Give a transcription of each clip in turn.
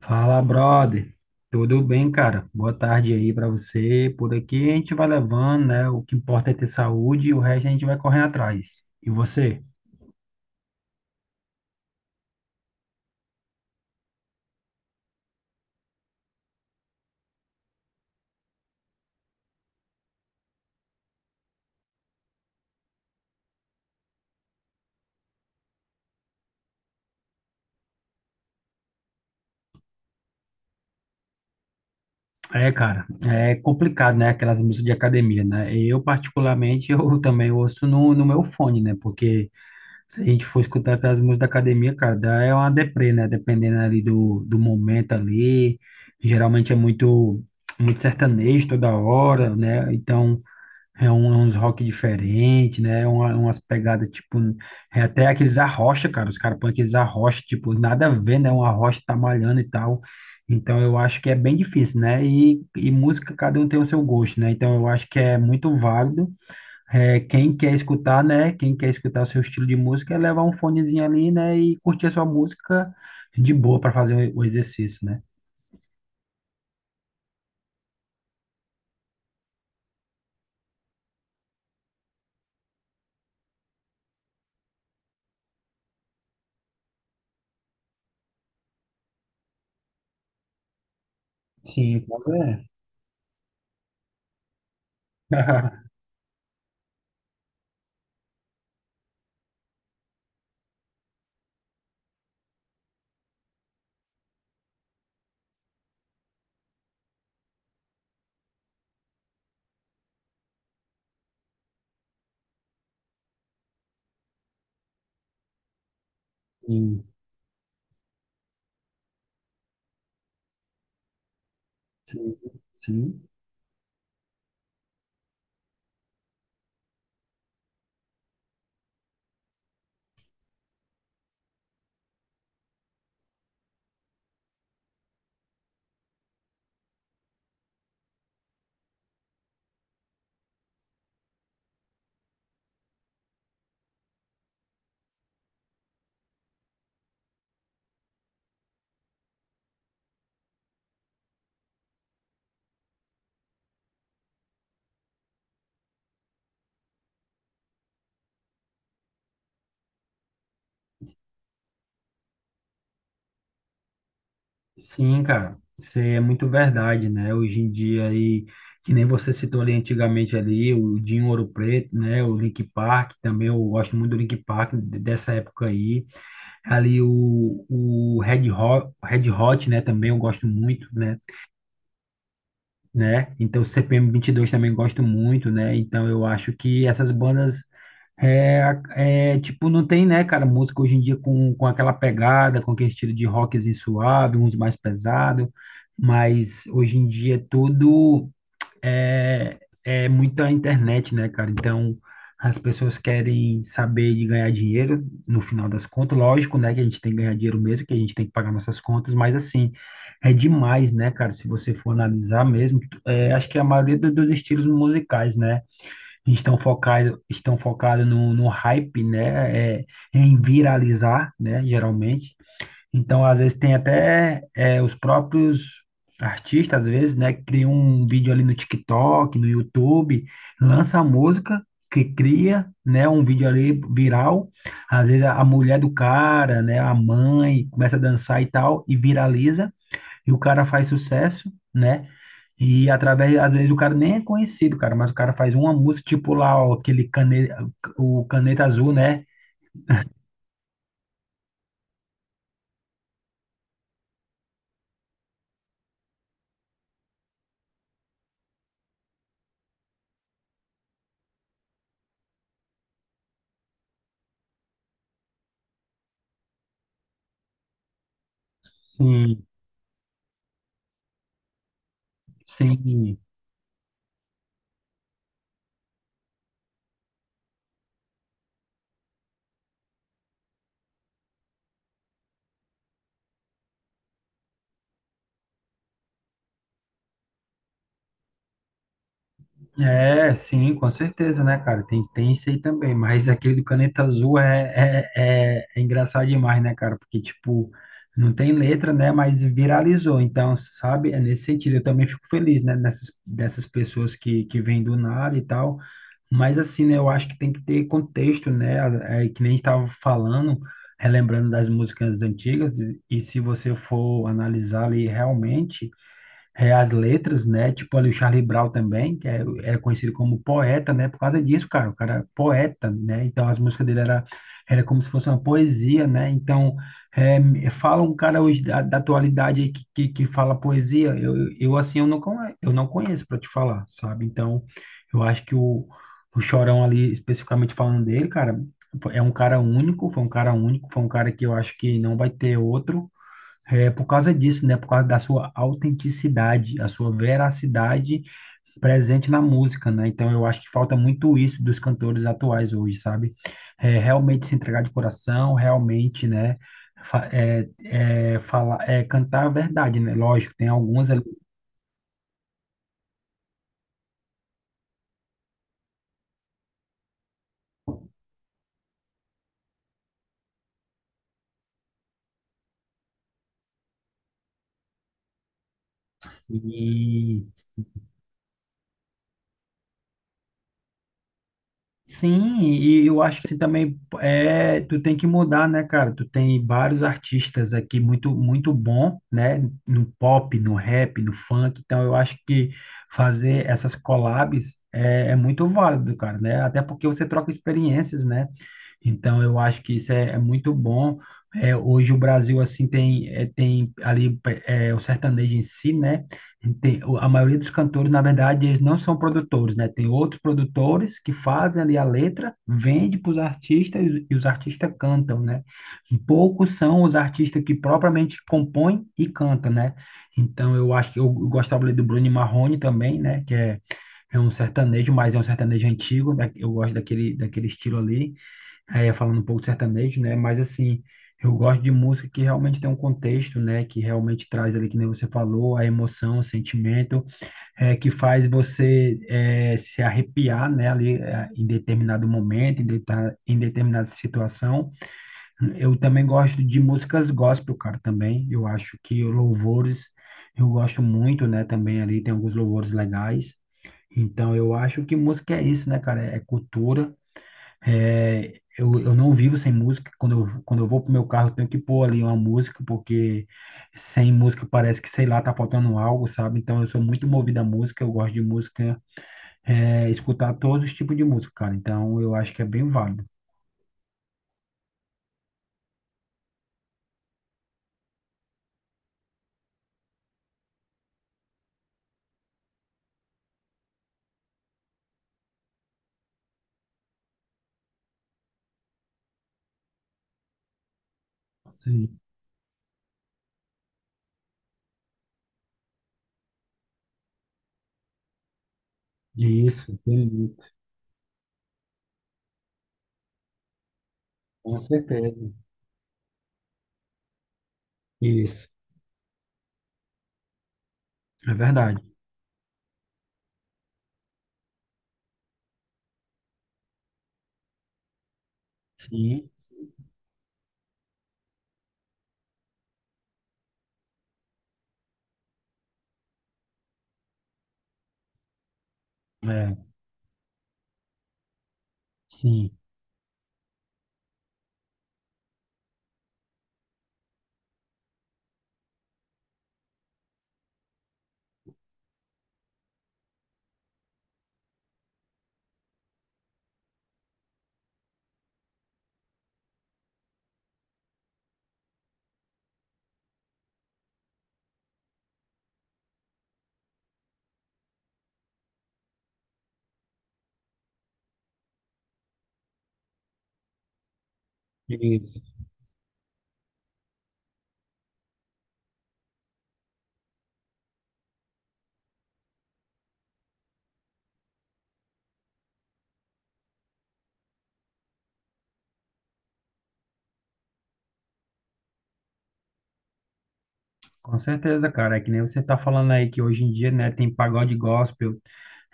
Fala, brother. Tudo bem, cara? Boa tarde aí pra você. Por aqui a gente vai levando, né? O que importa é ter saúde e o resto a gente vai correndo atrás. E você? É, cara, é complicado, né? Aquelas músicas de academia, né? Eu, particularmente, eu também ouço no meu fone, né? Porque se a gente for escutar aquelas músicas da academia, cara, dá é uma deprê, né? Dependendo ali do momento ali. Geralmente é muito, muito sertanejo toda hora, né? Então. É uns rock diferente, né? É umas pegadas, tipo, é até aqueles arrocha, cara. Os caras põem aqueles arrocha, tipo, nada a ver, né? Um arrocha tá malhando e tal. Então eu acho que é bem difícil, né? E música, cada um tem o seu gosto, né? Então eu acho que é muito válido. É, quem quer escutar, né? Quem quer escutar o seu estilo de música é levar um fonezinho ali, né? E curtir a sua música de boa para fazer o exercício, né? Sim, mas é. Sim, sim, sim. Sim, cara, isso aí é muito verdade, né? Hoje em dia aí, que nem você citou ali antigamente ali, o Dinho Ouro Preto, né? O link Park, também eu gosto muito do link Park dessa época aí. Ali o Red Hot, Red Hot, né? Também eu gosto muito, né? Então, CPM dois também gosto muito, né? Então, eu acho que essas bandas, é, tipo, não tem, né, cara, música hoje em dia com aquela pegada, com aquele estilo de rockzinho suave, uns mais pesado, mas hoje em dia é tudo é, é muita internet, né, cara? Então, as pessoas querem saber de ganhar dinheiro, no final das contas, lógico, né, que a gente tem que ganhar dinheiro mesmo, que a gente tem que pagar nossas contas, mas assim, é demais, né, cara? Se você for analisar mesmo, acho que a maioria dos estilos musicais, né, estão focado no hype, né, em viralizar, né, geralmente. Então, às vezes, tem até os próprios artistas, às vezes, né, que criam um vídeo ali no TikTok, no YouTube, lança a música, que cria, né, um vídeo ali viral. Às vezes, a mulher do cara, né, a mãe, começa a dançar e tal, e viraliza, e o cara faz sucesso, né? E através, às vezes, o cara nem é conhecido, cara, mas o cara faz uma música, tipo lá, ó, aquele caneta, o Caneta Azul, né? Sim. Sim, é, sim, com certeza, né, cara? Tem isso aí também, mas aquele do Caneta Azul é engraçado demais, né, cara? Porque, tipo, não tem letra, né, mas viralizou. Então, sabe, é nesse sentido. Eu também fico feliz, né, dessas pessoas que vêm do nada e tal. Mas, assim, né, eu acho que tem que ter contexto, né? É, que nem estava falando, relembrando das músicas antigas, e se você for analisar ali realmente as letras, né? Tipo ali o Charlie Brown também, que era conhecido como poeta, né? Por causa disso, cara, o cara é poeta, né? Então as músicas dele era como se fosse uma poesia, né? Então fala um cara hoje da atualidade aí que, fala poesia, assim eu eu não conheço para te falar, sabe? Então eu acho que o Chorão ali, especificamente falando dele, cara, é um cara único, foi um cara único, foi um cara que eu acho que não vai ter outro. É por causa disso, né? Por causa da sua autenticidade, a sua veracidade presente na música, né? Então eu acho que falta muito isso dos cantores atuais hoje, sabe? É, realmente se entregar de coração, realmente, né? Fa- É, falar, cantar a verdade, né? Lógico, tem algumas ali. Sim. Sim, e eu acho que assim, também tu tem que mudar, né, cara? Tu tem vários artistas aqui muito muito bom, né, no pop, no rap, no funk. Então eu acho que fazer essas collabs é muito válido, cara, né? Até porque você troca experiências, né? Então eu acho que isso é muito bom. É, hoje o Brasil assim tem ali o sertanejo em si, né? Tem, a maioria dos cantores, na verdade, eles não são produtores, né? Tem outros produtores que fazem ali a letra, vende para os artistas e os artistas cantam, né? Poucos são os artistas que propriamente compõem e cantam, né? Então, eu acho que eu gostava ali do Bruno Marrone também, né? Que é um sertanejo, mas é um sertanejo antigo, né? Eu gosto daquele estilo ali. É, falando um pouco de sertanejo, né? Mas assim, eu gosto de música que realmente tem um contexto, né? Que realmente traz ali, que nem você falou, a emoção, o sentimento, que faz você se arrepiar, né? Ali em determinado momento, em determinada situação. Eu também gosto de músicas gospel, cara, também. Eu acho que louvores, eu gosto muito, né? Também ali tem alguns louvores legais. Então, eu acho que música é isso, né, cara? É cultura. É, eu não vivo sem música. Quando eu vou pro meu carro, eu tenho que pôr ali uma música, porque sem música parece que, sei lá, tá faltando algo, sabe? Então eu sou muito movido à música, eu gosto de música, escutar todos os tipos de música, cara. Então eu acho que é bem válido. Sim, isso, entendi. Com certeza. Isso. É verdade. Sim. É, sim. Isso. Com certeza, cara. É que nem você tá falando aí que hoje em dia, né, tem pagode gospel.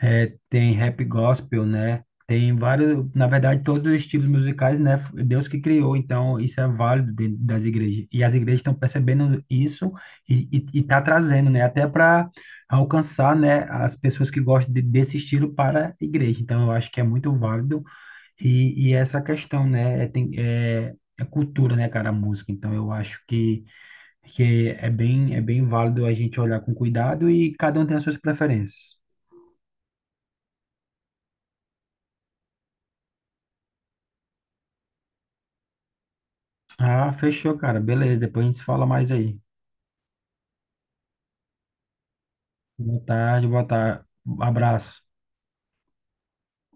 É, tem rap gospel, né? Tem vários, na verdade, todos os estilos musicais, né? Foi Deus que criou, então isso é válido dentro das igrejas. E as igrejas estão percebendo isso e tá trazendo, né? Até para alcançar, né? As pessoas que gostam desse estilo para a igreja. Então eu acho que é muito válido e essa questão, né? É, tem, é cultura, né, cara, a música. Então eu acho que é bem válido a gente olhar com cuidado e cada um tem as suas preferências. Ah, fechou, cara. Beleza. Depois a gente se fala mais aí. Boa tarde, boa tarde. Abraço.